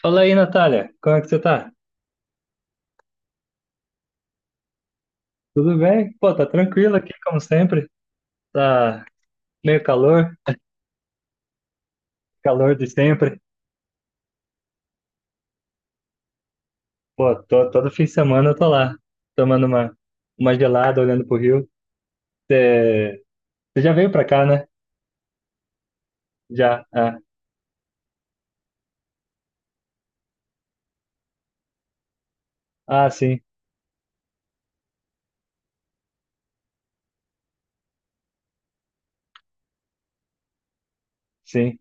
Fala aí, Natália, como é que você tá? Tudo bem? Pô, tá tranquilo aqui, como sempre. Tá meio calor, calor de sempre. Pô, tô, todo fim de semana eu tô lá, tomando uma gelada, olhando pro rio. Você você já veio pra cá, né? Já. Ah, ah sim, sim.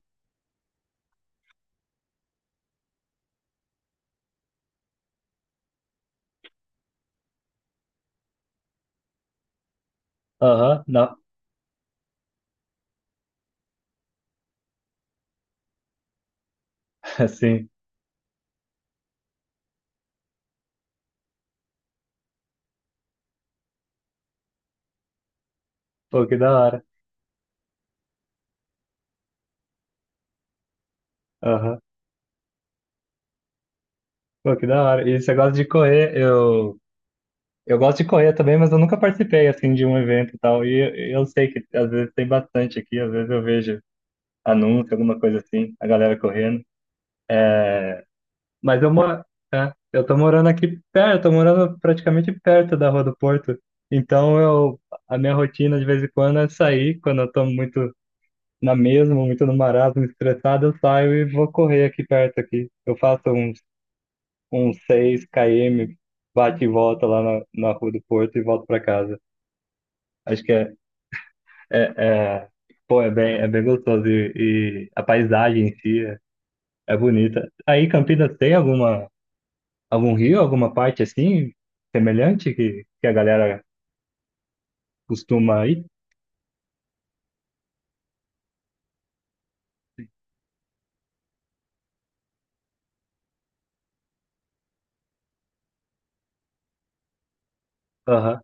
Aham, não. Sim. Pô, que da hora. Aham. Pô, que da hora. E você gosta de correr? Eu gosto de correr também, mas eu nunca participei, assim, de um evento e tal. E eu sei que às vezes tem bastante aqui, às vezes eu vejo anúncio, alguma coisa assim, a galera correndo. É, mas eu moro, é, eu tô morando aqui perto, tô morando praticamente perto da Rua do Porto. Então eu, a minha rotina de vez em quando é sair, quando eu tô muito na mesma, muito no marasmo, estressado, eu saio e vou correr aqui perto aqui. Eu faço uns, uns 6 km, bate e volta lá na, na Rua do Porto e volto pra casa. Acho que é, é, é, pô, é bem gostoso e a paisagem em si é é bonita. Aí Campinas tem alguma, algum rio, alguma parte assim semelhante que a galera costuma ir? Aham.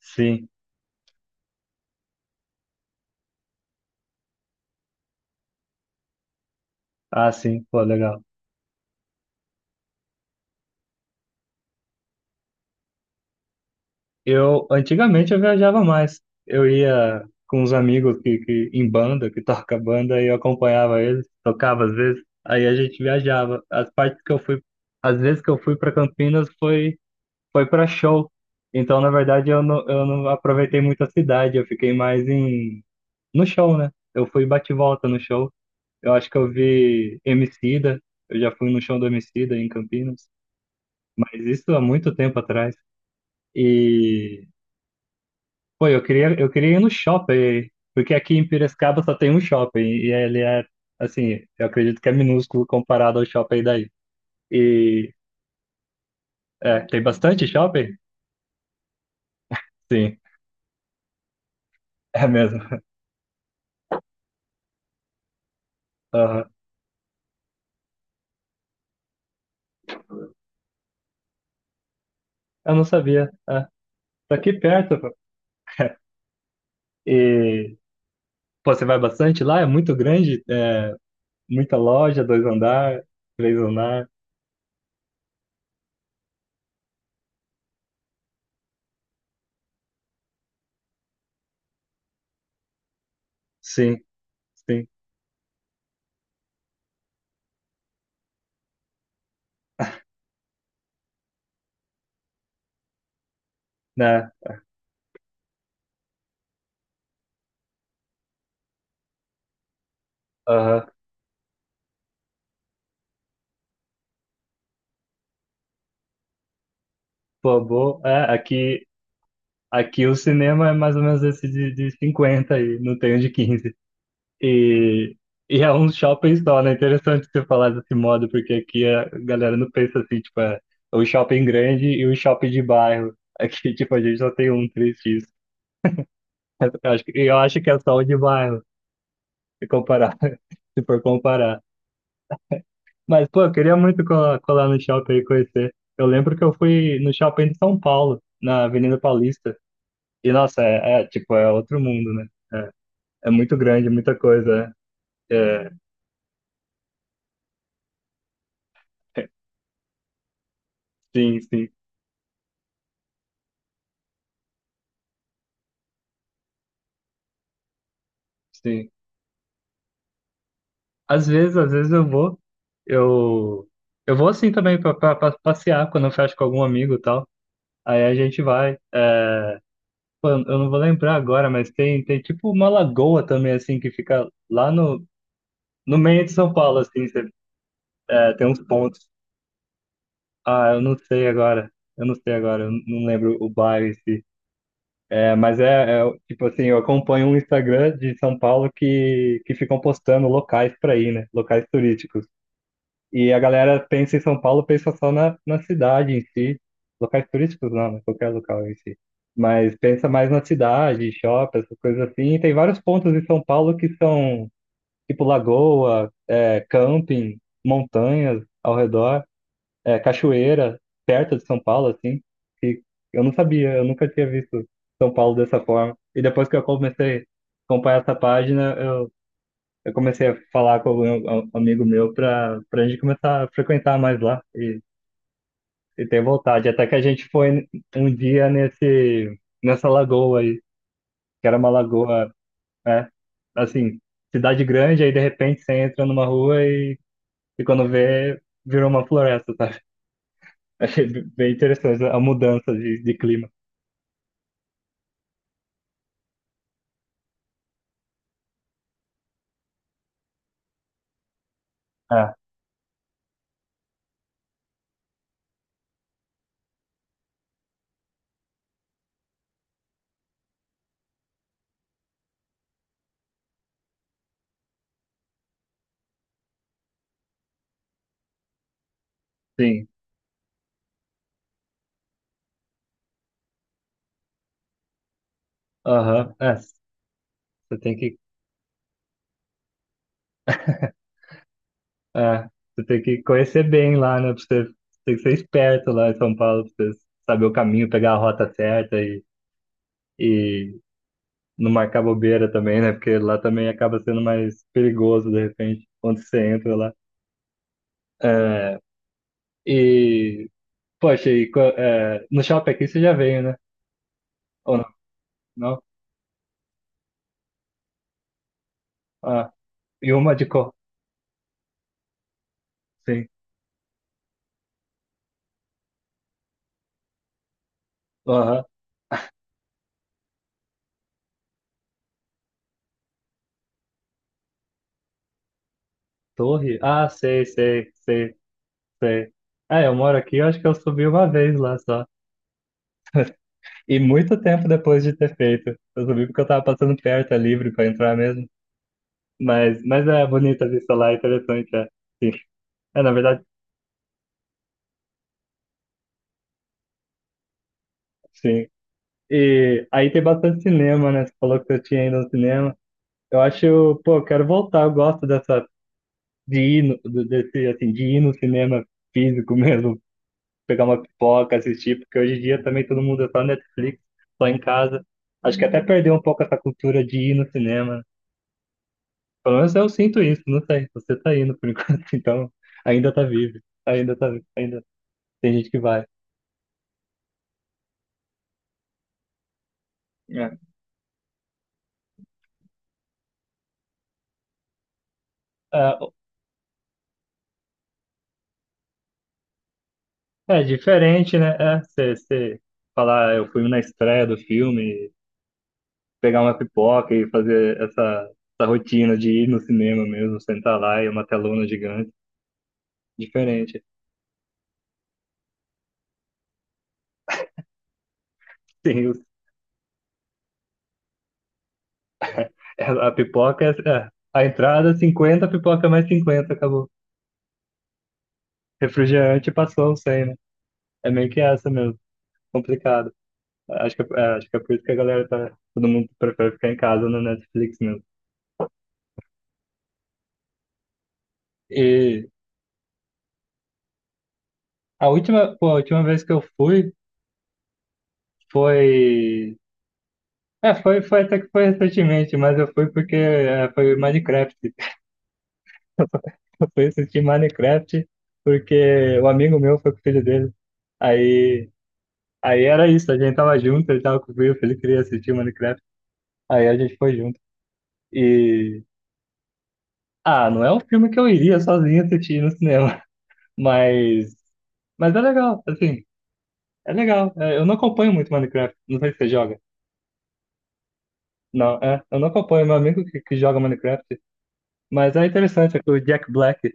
Sim. Ah, sim. Pô, legal. Eu antigamente eu viajava mais. Eu ia com uns amigos que em banda, que toca banda, e eu acompanhava eles, tocava às vezes. Aí a gente viajava. As partes que eu fui, às vezes que eu fui para Campinas foi, foi para show. Então, na verdade, eu não aproveitei muito a cidade, eu fiquei mais em no show, né? Eu fui bate e volta no show. Eu acho que eu vi Emicida, eu já fui no show do Emicida em Campinas, mas isso há muito tempo atrás. E, pô, eu queria ir no shopping, porque aqui em Piracicaba só tem um shopping, e ele é, assim, eu acredito que é minúsculo comparado ao shopping daí. E, é, tem bastante shopping? Sim, é mesmo. Aham. Eu não sabia. É, tá aqui perto, pô. E, pô, você vai bastante lá? É muito grande? É, muita loja, dois andar, três andar. Sim, sim, né? Aham. Pô, boa. É, aqui, aqui o cinema é mais ou menos esse de 50 aí, não tem um de quinze. E, e é um shopping só, né? Interessante você falar desse modo, porque aqui a galera não pensa assim, tipo, é o shopping grande e o shopping de bairro. Aqui, tipo, a gente só tem um 3x. Eu acho, eu acho que é só o de bairro, se comparar, se for comparar. Mas, pô, eu queria muito colar, colar no shopping e conhecer. Eu lembro que eu fui no shopping de São Paulo, na Avenida Paulista. E, nossa, é, é, tipo, é outro mundo, né? É, é muito grande, muita coisa. É, é, sim, sim, sim. Às vezes eu, eu vou assim também pra, pra, pra passear quando eu fecho com algum amigo e tal. Aí a gente vai. É, pô, eu não vou lembrar agora, mas tem, tem tipo uma lagoa também, assim, que fica lá no, no meio de São Paulo, assim, é, tem uns pontos. Ah, eu não sei agora. Eu não sei agora, eu não lembro o bairro em si. É, mas é, é, tipo assim, eu acompanho um Instagram de São Paulo que ficam postando locais para ir, né? Locais turísticos. E a galera pensa em São Paulo, pensa só na, na cidade em si. Locais turísticos não, né? Qualquer local em si. Mas pensa mais na cidade, shopping, essas coisas assim. E tem vários pontos em São Paulo que são tipo lagoa, é, camping, montanhas ao redor, é, cachoeira perto de São Paulo, assim, que eu não sabia, eu nunca tinha visto São Paulo dessa forma. E depois que eu comecei a acompanhar essa página, eu comecei a falar com um amigo meu para a gente começar a frequentar mais lá e ter vontade. Até que a gente foi um dia nesse nessa lagoa aí, que era uma lagoa, é, assim, cidade grande, aí de repente você entra numa rua e quando vê, virou uma floresta, sabe? Achei bem interessante a mudança de clima. Ah, sim. Aham. É, você tem que, é, você tem que conhecer bem lá, né? Pra você, você tem que ser esperto lá em São Paulo, pra você saber o caminho, pegar a rota certa e não marcar bobeira também, né? Porque lá também acaba sendo mais perigoso, de repente, quando você entra lá. É, e, poxa, e, é, no shopping aqui você já veio, né? Ou não? Não? Ah, e uma de cor. Sim. Aham. Torre? Ah, sei, sei, sei. Sei. É, eu moro aqui, eu acho que eu subi uma vez lá só. E muito tempo depois de ter feito. Eu subi porque eu tava passando perto, é livre pra entrar mesmo. Mas é bonita a vista lá, é interessante, é. Sim. É, na verdade, sim. E aí tem bastante cinema, né? Você falou que eu tinha ido ao cinema. Eu acho, pô, eu quero voltar, eu gosto dessa, de ir no, desse, assim, de ir no cinema físico mesmo. Pegar uma pipoca, assistir, porque hoje em dia também todo mundo é só Netflix, só em casa. Acho que até perdeu um pouco essa cultura de ir no cinema. Pelo menos eu sinto isso, não sei. Você tá indo por enquanto, então ainda tá vivo. Ainda tá vivo, ainda tem gente que vai. É, ah, é diferente, né? É, você, você falar, "Ah, eu fui na estreia do filme, pegar uma pipoca e fazer essa, essa rotina de ir no cinema mesmo, sentar lá e uma telona gigante. Diferente. Sim, o é, a pipoca, é, é, a entrada cinquenta, a pipoca mais cinquenta, acabou. Refrigerante passou o 100, né? É meio que essa mesmo, complicado. Acho que é por isso que a galera tá, todo mundo prefere ficar em casa no Netflix mesmo. E a última, pô, a última vez que eu fui foi, é, foi, foi até que foi recentemente, mas eu fui porque é, foi Minecraft. Eu fui assistir Minecraft porque o amigo meu foi com o filho dele. Aí Aí era isso, a gente tava junto, ele tava comigo, ele queria assistir Minecraft. Aí a gente foi junto. E. Ah, não é um filme que eu iria sozinho assistir no cinema, mas. Mas é legal, assim. É legal. É, eu não acompanho muito Minecraft, não sei se você joga. Não, é. Eu não acompanho, meu amigo que joga Minecraft, mas é interessante, é que o Jack Black.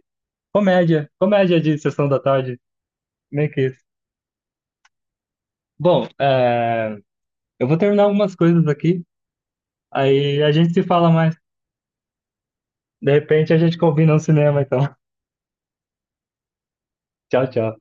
Comédia, comédia de sessão da tarde, meio que isso. Bom, é, eu vou terminar algumas coisas aqui, aí a gente se fala mais. De repente a gente combina um cinema, então. Tchau, tchau.